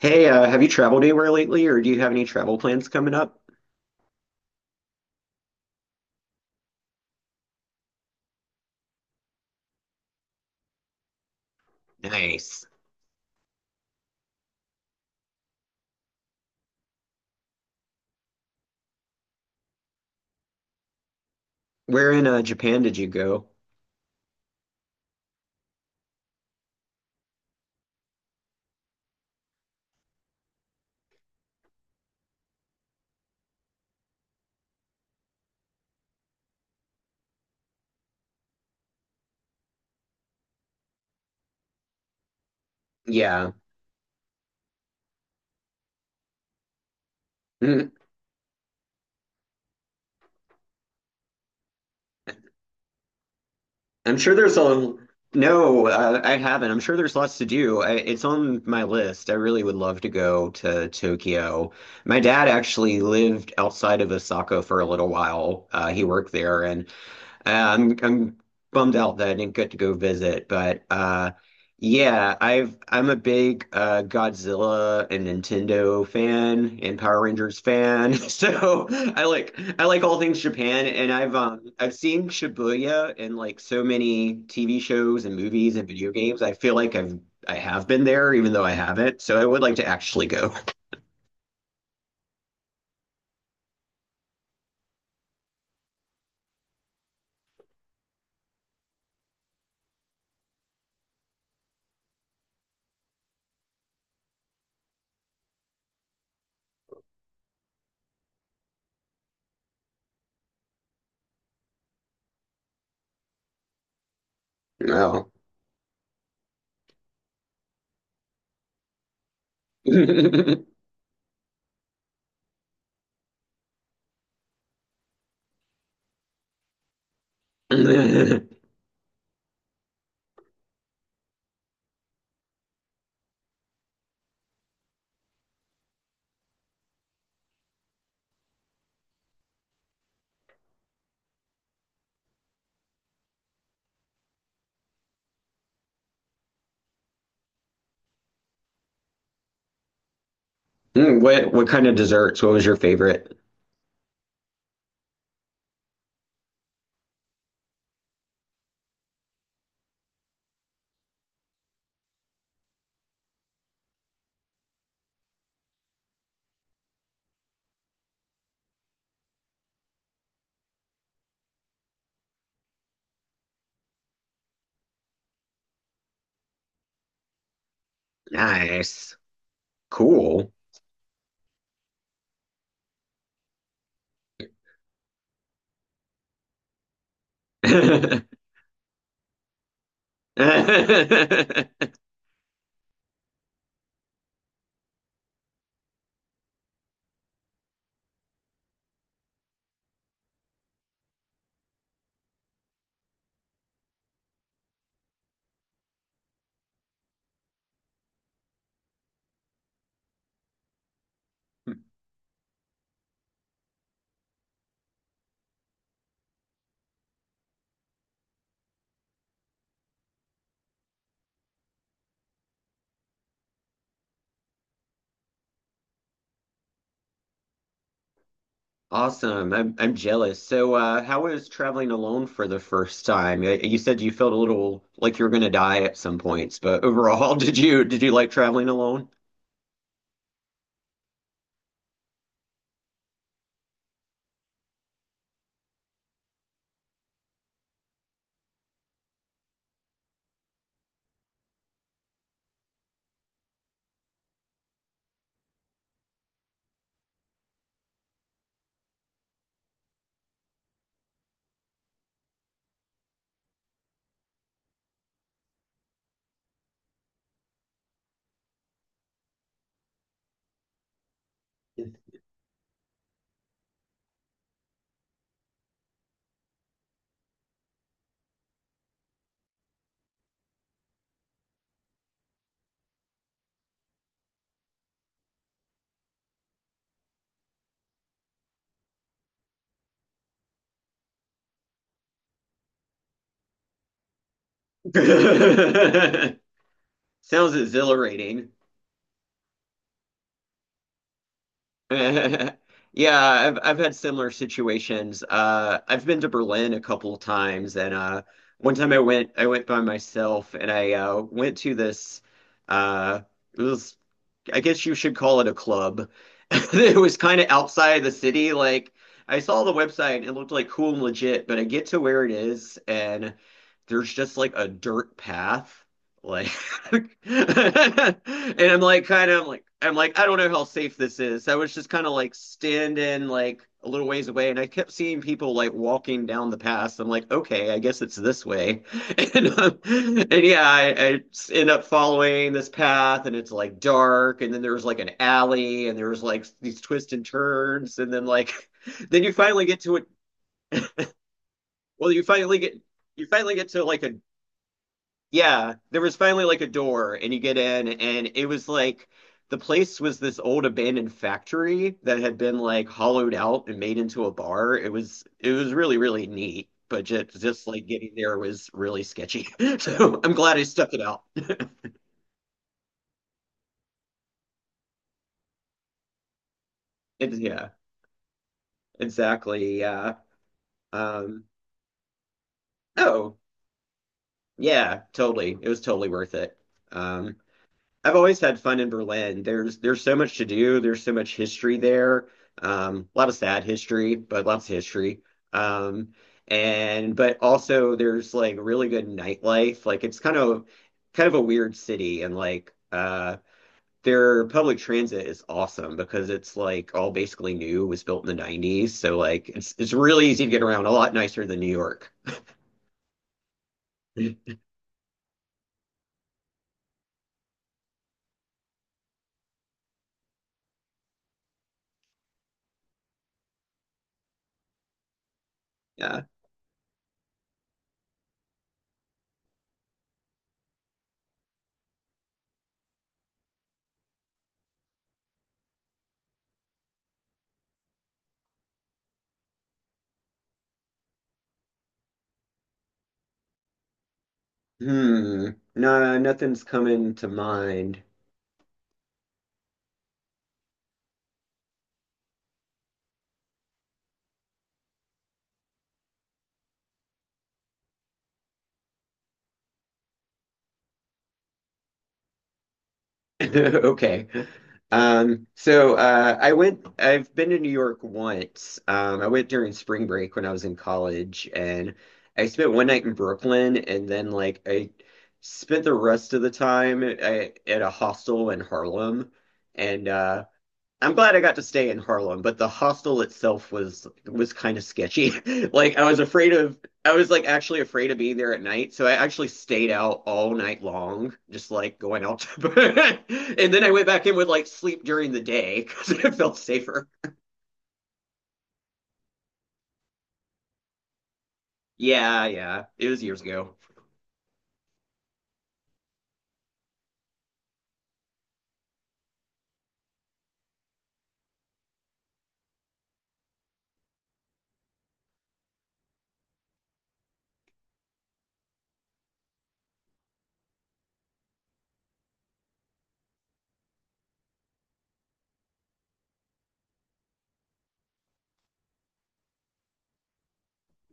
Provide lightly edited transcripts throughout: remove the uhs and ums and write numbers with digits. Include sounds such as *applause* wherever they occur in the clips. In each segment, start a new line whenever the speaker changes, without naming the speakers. Hey, have you traveled anywhere lately, or do you have any travel plans coming up? Nice. Where in Japan did you go? Yeah. Mm. I'm sure there's a. No, I haven't. I'm sure there's lots to do. It's on my list. I really would love to go to Tokyo. My dad actually lived outside of Osaka for a little while. He worked there, and I'm bummed out that I didn't get to go visit, but yeah, I'm a big Godzilla and Nintendo fan and Power Rangers fan, *laughs* so I like all things Japan, and I've seen Shibuya in like so many TV shows and movies and video games. I feel like I've I have been there, even though I haven't. So I would like to actually go. No. *laughs* What kind of desserts? What was your favorite? Nice. Cool. *laughs* Awesome. I'm jealous. So, how was traveling alone for the first time? You said you felt a little like you were gonna die at some points, but overall, *laughs* did you like traveling alone? *laughs* Sounds exhilarating. *laughs* Yeah, I've had similar situations. I've been to Berlin a couple of times, and one time I went by myself, and I went to this. Uh, it was I guess you should call it a club. *laughs* It was kind of outside the city. Like I saw the website and it looked like cool and legit, but I get to where it is and there's just like a dirt path. Like *laughs* and I'm like I don't know how safe this is. I was just kind of like standing like a little ways away and I kept seeing people like walking down the path. I'm like, okay, I guess it's this way. *laughs* And yeah, end up following this path, and it's like dark, and then there's like an alley, and there's like these twists and turns, and then like, *laughs* then you finally get to it. Well, you finally get to like a yeah, there was finally like a door, and you get in, and it was like the place was this old abandoned factory that had been like hollowed out and made into a bar. It was really really neat, but just like getting there was really sketchy. *laughs* So I'm glad I stuck it out. It's yeah, exactly. Yeah. Um, oh, yeah, totally. It was totally worth it. Um, I've always had fun in Berlin. There's so much to do. There's so much history there. A lot of sad history, but lots of history. Um, and but also there's like really good nightlife. Like it's kind of a weird city and like their public transit is awesome because it's like all basically new. It was built in the 90s. So like it's really easy to get around, a lot nicer than New York. *laughs* Yeah. Hmm. No, nothing's coming to mind. *laughs* Okay. So I've been to New York once. I went during spring break when I was in college, and I spent one night in Brooklyn, and then like I spent the rest of the time at a hostel in Harlem. And I'm glad I got to stay in Harlem, but the hostel itself was kind of sketchy. *laughs* Like I was afraid of I was like actually afraid of being there at night, so I actually stayed out all night long, just like going out to *laughs* and then I went back in with like sleep during the day because *laughs* it felt safer. Yeah, yeah. It was years ago.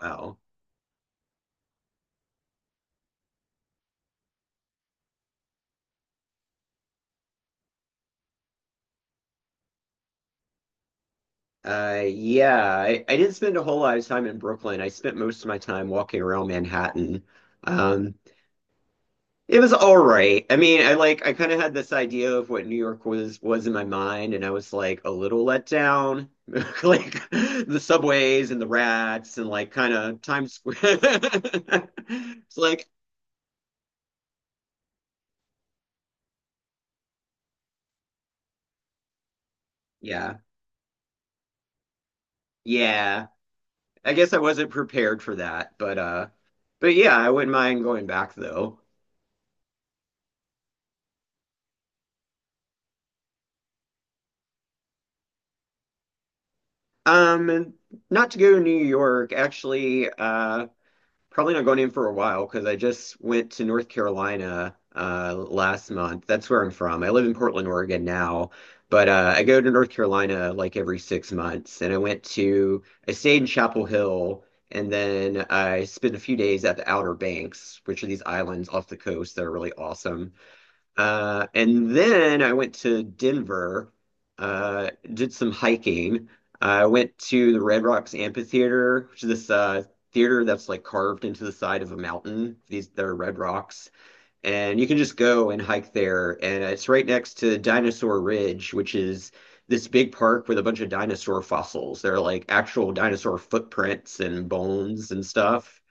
Wow. Yeah, I didn't spend a whole lot of time in Brooklyn. I spent most of my time walking around Manhattan. Um, It was all right. I mean, I like I kind of had this idea of what New York was in my mind, and I was like a little let down. *laughs* Like the subways and the rats and like kind of Times Square. *laughs* It's like, yeah, yeah. I guess I wasn't prepared for that, but yeah, I wouldn't mind going back though. And not to go to New York, actually, probably not going in for a while because I just went to North Carolina last month. That's where I'm from. I live in Portland, Oregon now, but I go to North Carolina like every 6 months. And I stayed in Chapel Hill and then I spent a few days at the Outer Banks, which are these islands off the coast that are really awesome. And then I went to Denver, did some hiking. I went to the Red Rocks Amphitheater, which is this theater that's like carved into the side of a mountain. These they're red rocks, and you can just go and hike there. And it's right next to Dinosaur Ridge, which is this big park with a bunch of dinosaur fossils. They're like actual dinosaur footprints and bones and stuff.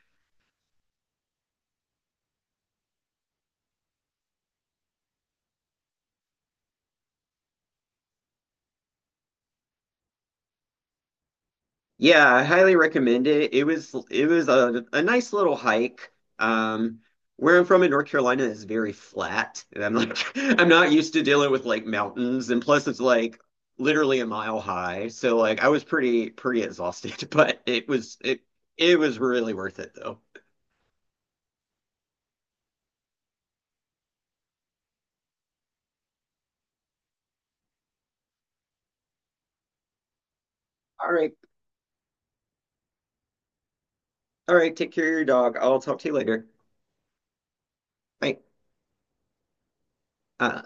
Yeah, I highly recommend it. It was a nice little hike. Um, where I'm from in North Carolina is very flat, and I'm like *laughs* I'm not used to dealing with like mountains, and plus it's like literally a mile high. So like I was pretty exhausted, *laughs* but it was really worth it though. All right, all right. Take care of your dog. I'll talk to you later. Bye. Uh,